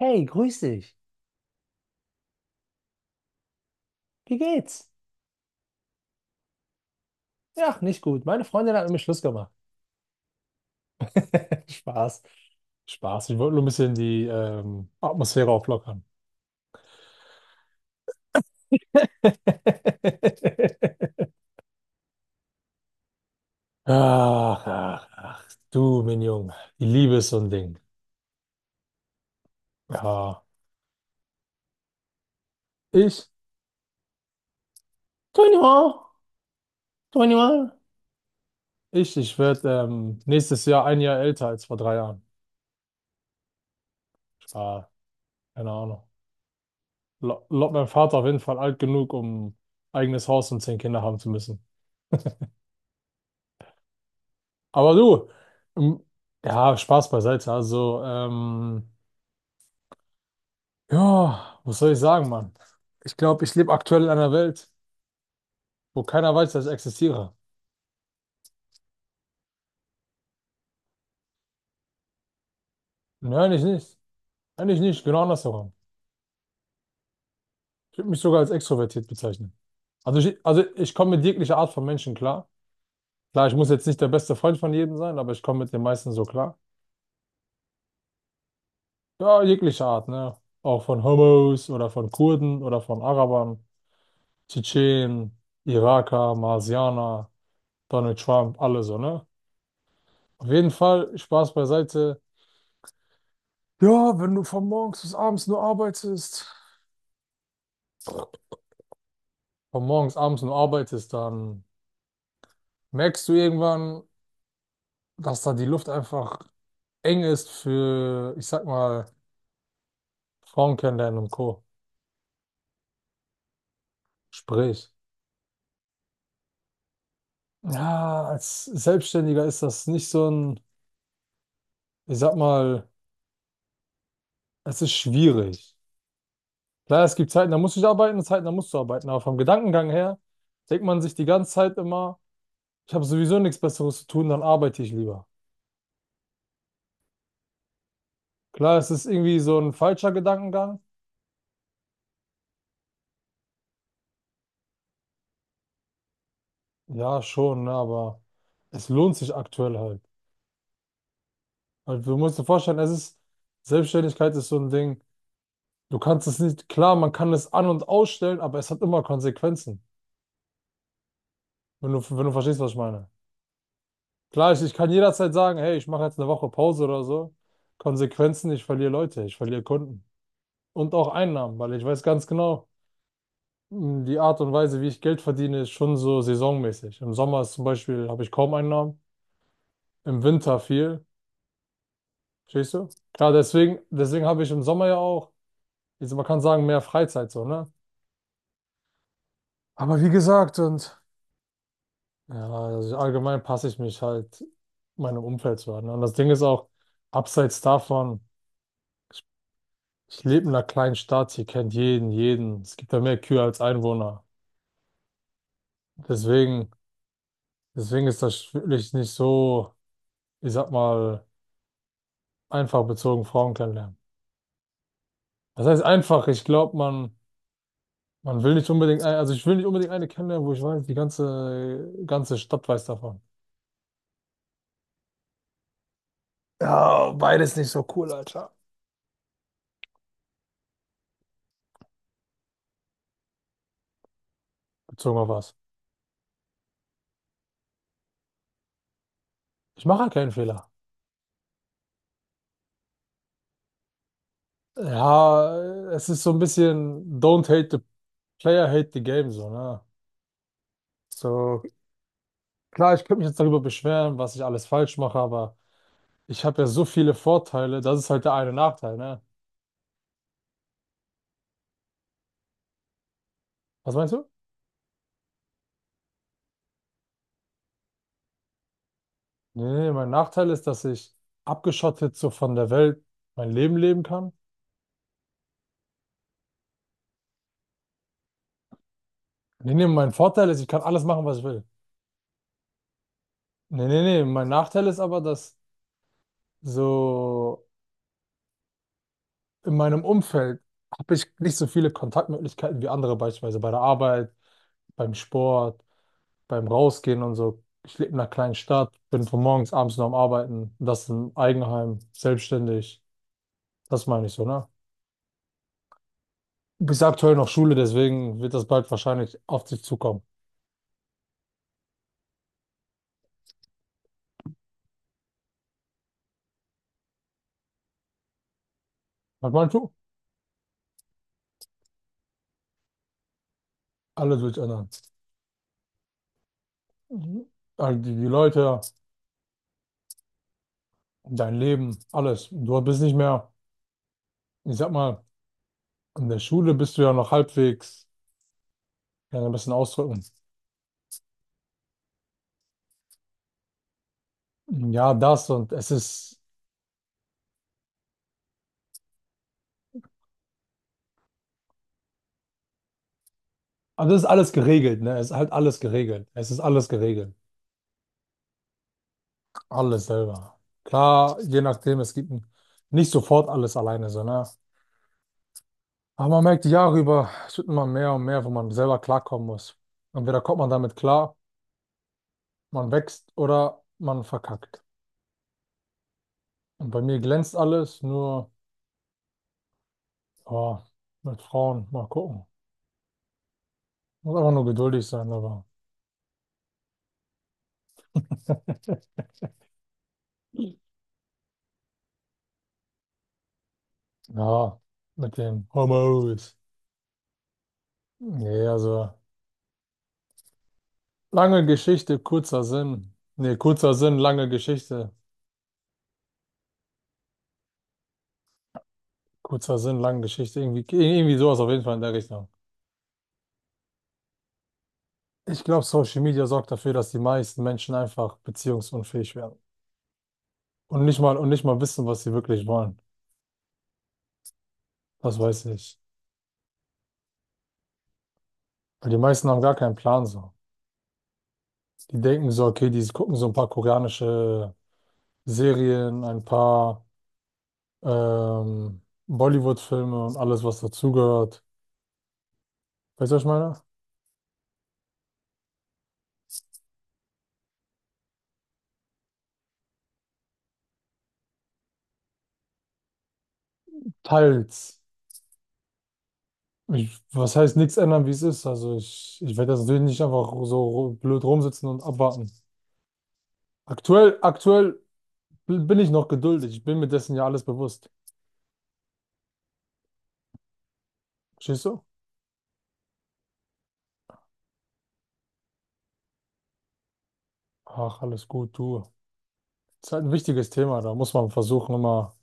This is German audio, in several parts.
Hey, grüß dich. Wie geht's? Ja, nicht gut. Meine Freundin hat mit mir Schluss gemacht. Spaß. Spaß. Ich wollte nur ein bisschen die Atmosphäre auflockern. Ach, ach, ach. Du, mein Junge. Die Liebe ist so ein Ding. Ja. Ich? 21. 21. Ich werde nächstes Jahr ein Jahr älter als vor drei Jahren. Ja, keine Ahnung. Lot mein Vater auf jeden Fall alt genug, um eigenes Haus und zehn Kinder haben zu müssen. Aber du, ähm, ja, Spaß beiseite. Also, ja, was soll ich sagen, Mann? Ich glaube, ich lebe aktuell in einer Welt, wo keiner weiß, dass ich existiere. Nein, ich nicht. Eigentlich nicht, genau andersherum. Ich würde mich sogar als extrovertiert bezeichnen. Also ich komme mit jeglicher Art von Menschen klar. Klar, ich muss jetzt nicht der beste Freund von jedem sein, aber ich komme mit den meisten so klar. Ja, jeglicher Art, ne? Auch von Homos oder von Kurden oder von Arabern, Tschetschenen, Iraker, Marsianer. Donald Trump, alle so, ne? Auf jeden Fall, Spaß beiseite. Ja, wenn du von morgens bis abends nur arbeitest, von morgens abends nur arbeitest, dann merkst du irgendwann, dass da die Luft einfach eng ist für, ich sag mal, Frauen kennenlernen und Co. Sprich. Ja, als Selbstständiger ist das nicht so ein, ich sag mal, es ist schwierig. Klar, es gibt Zeiten, da musst du nicht arbeiten, Zeiten, da musst du arbeiten, aber vom Gedankengang her denkt man sich die ganze Zeit immer, ich habe sowieso nichts Besseres zu tun, dann arbeite ich lieber. Klar, es ist irgendwie so ein falscher Gedankengang. Ja, schon, ne, aber es lohnt sich aktuell halt. Halt, du musst dir vorstellen, es ist, Selbstständigkeit ist so ein Ding. Du kannst es nicht, klar, man kann es an- und ausstellen, aber es hat immer Konsequenzen. Wenn du verstehst, was ich meine. Klar, ich kann jederzeit sagen, hey, ich mache jetzt eine Woche Pause oder so. Konsequenzen, ich verliere Leute, ich verliere Kunden. Und auch Einnahmen, weil ich weiß ganz genau, die Art und Weise, wie ich Geld verdiene, ist schon so saisonmäßig. Im Sommer ist zum Beispiel habe ich kaum Einnahmen, im Winter viel. Verstehst du? Klar, deswegen habe ich im Sommer ja auch, jetzt man kann sagen, mehr Freizeit so, ne? Aber wie gesagt, und ja, also allgemein passe ich mich halt meinem Umfeld zu an, ne? Und das Ding ist auch, abseits davon, ich lebe in einer kleinen Stadt, hier kennt jeden, jeden. Es gibt da mehr Kühe als Einwohner. Deswegen, deswegen ist das wirklich nicht so, ich sag mal, einfach bezogen Frauen kennenlernen. Das heißt einfach, ich glaube, man will nicht unbedingt, also ich will nicht unbedingt eine kennenlernen, wo ich weiß, die ganze, ganze Stadt weiß davon. Ja, beides nicht so cool, Alter. Bezogen auf was? Ich mache halt keinen Fehler. Ja, es ist so ein bisschen don't hate the player, hate the game, so, ne? So, klar, ich könnte mich jetzt darüber beschweren, was ich alles falsch mache, aber ich habe ja so viele Vorteile, das ist halt der eine Nachteil, ne? Was meinst du? Nee, nee, nee, mein Nachteil ist, dass ich abgeschottet so von der Welt mein Leben leben kann. Nee, nee, mein Vorteil ist, ich kann alles machen, was ich will. Nee, nee, nee, mein Nachteil ist aber, dass so in meinem Umfeld habe ich nicht so viele Kontaktmöglichkeiten wie andere, beispielsweise bei der Arbeit, beim Sport, beim Rausgehen und so. Ich lebe in einer kleinen Stadt, bin von morgens abends noch am Arbeiten, das im Eigenheim, selbstständig. Das meine ich so, ne? Bis aktuell noch Schule, deswegen wird das bald wahrscheinlich auf dich zukommen. Was meinst du? Alles wird sich ändern. Mhm. Also die Leute, dein Leben, alles. Du bist nicht mehr. Ich sag mal, in der Schule bist du ja noch halbwegs, kann ich ein bisschen ausdrücken. Ja, das und es ist, also es ist alles geregelt, ne? Es ist halt alles geregelt. Es ist alles geregelt. Alles selber. Klar, je nachdem, es gibt nicht sofort alles alleine, so, ne? Aber man merkt die Jahre über, es wird immer mehr und mehr, wo man selber klarkommen muss. Entweder kommt man damit klar, man wächst oder man verkackt. Und bei mir glänzt alles, nur, oh, mit Frauen, mal gucken. Muss einfach nur geduldig sein, aber. Ja, mit dem Homos. Nee, also lange Geschichte, kurzer Sinn. Nee, kurzer Sinn, lange Geschichte. Kurzer Sinn, lange Geschichte. Irgendwie sowas auf jeden Fall in der Richtung. Ich glaube, Social Media sorgt dafür, dass die meisten Menschen einfach beziehungsunfähig werden. Und nicht mal wissen, was sie wirklich wollen. Das weiß ich. Weil die meisten haben gar keinen Plan so. Die denken so, okay, die gucken so ein paar koreanische Serien, ein paar ähm, Bollywood-Filme und alles, was dazugehört. Weißt du, was ich meine? Teils. Ich, was heißt nichts ändern, wie es ist? Also ich werde das natürlich nicht einfach so blöd rumsitzen und abwarten. Aktuell bin ich noch geduldig. Ich bin mir dessen ja alles bewusst. Verstehst du? Ach, alles gut, du. Ist halt ein wichtiges Thema. Da muss man versuchen, immer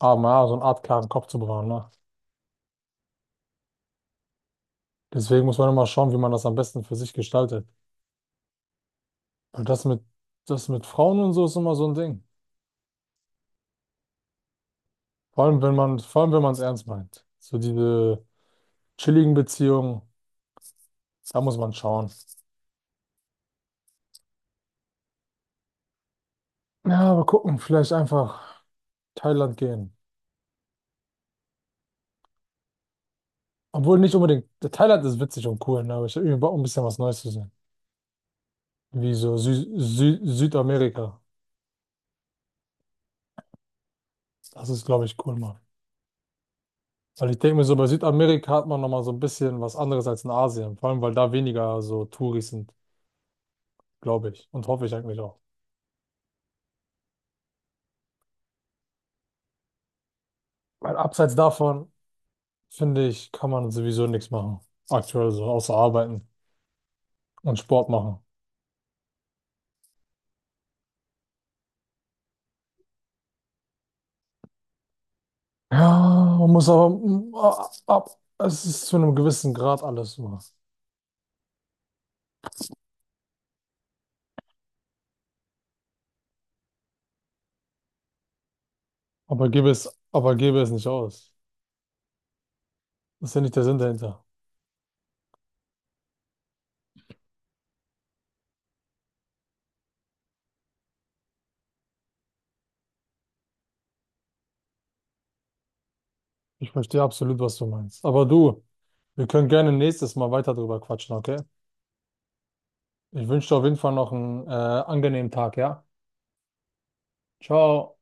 so eine Art klaren Kopf zu bewahren, ne? Deswegen muss man immer schauen, wie man das am besten für sich gestaltet. Weil das mit Frauen und so ist immer so ein Ding. Vor allem, wenn man es ernst meint. So diese chilligen Beziehungen, da muss man schauen. Ja, mal gucken, vielleicht einfach Thailand gehen. Obwohl nicht unbedingt, Thailand ist witzig und cool, ne? Aber ich habe irgendwie Bock, ein bisschen was Neues zu sehen. Wie so Sü Sü Südamerika. Das ist, glaube ich, cool, mal. Weil ich denke mir so, bei Südamerika hat man nochmal so ein bisschen was anderes als in Asien. Vor allem, weil da weniger so Touris sind, glaube ich. Und hoffe ich eigentlich auch. Weil abseits davon, finde ich, kann man sowieso nichts machen. Aktuell so, außer arbeiten und Sport machen. Ja, man muss aber, ab, es ist zu einem gewissen Grad alles so. Aber gebe es nicht aus. Das ist ja nicht der Sinn dahinter. Ich verstehe absolut, was du meinst. Aber du, wir können gerne nächstes Mal weiter drüber quatschen, okay? Ich wünsche dir auf jeden Fall noch einen angenehmen Tag, ja? Ciao.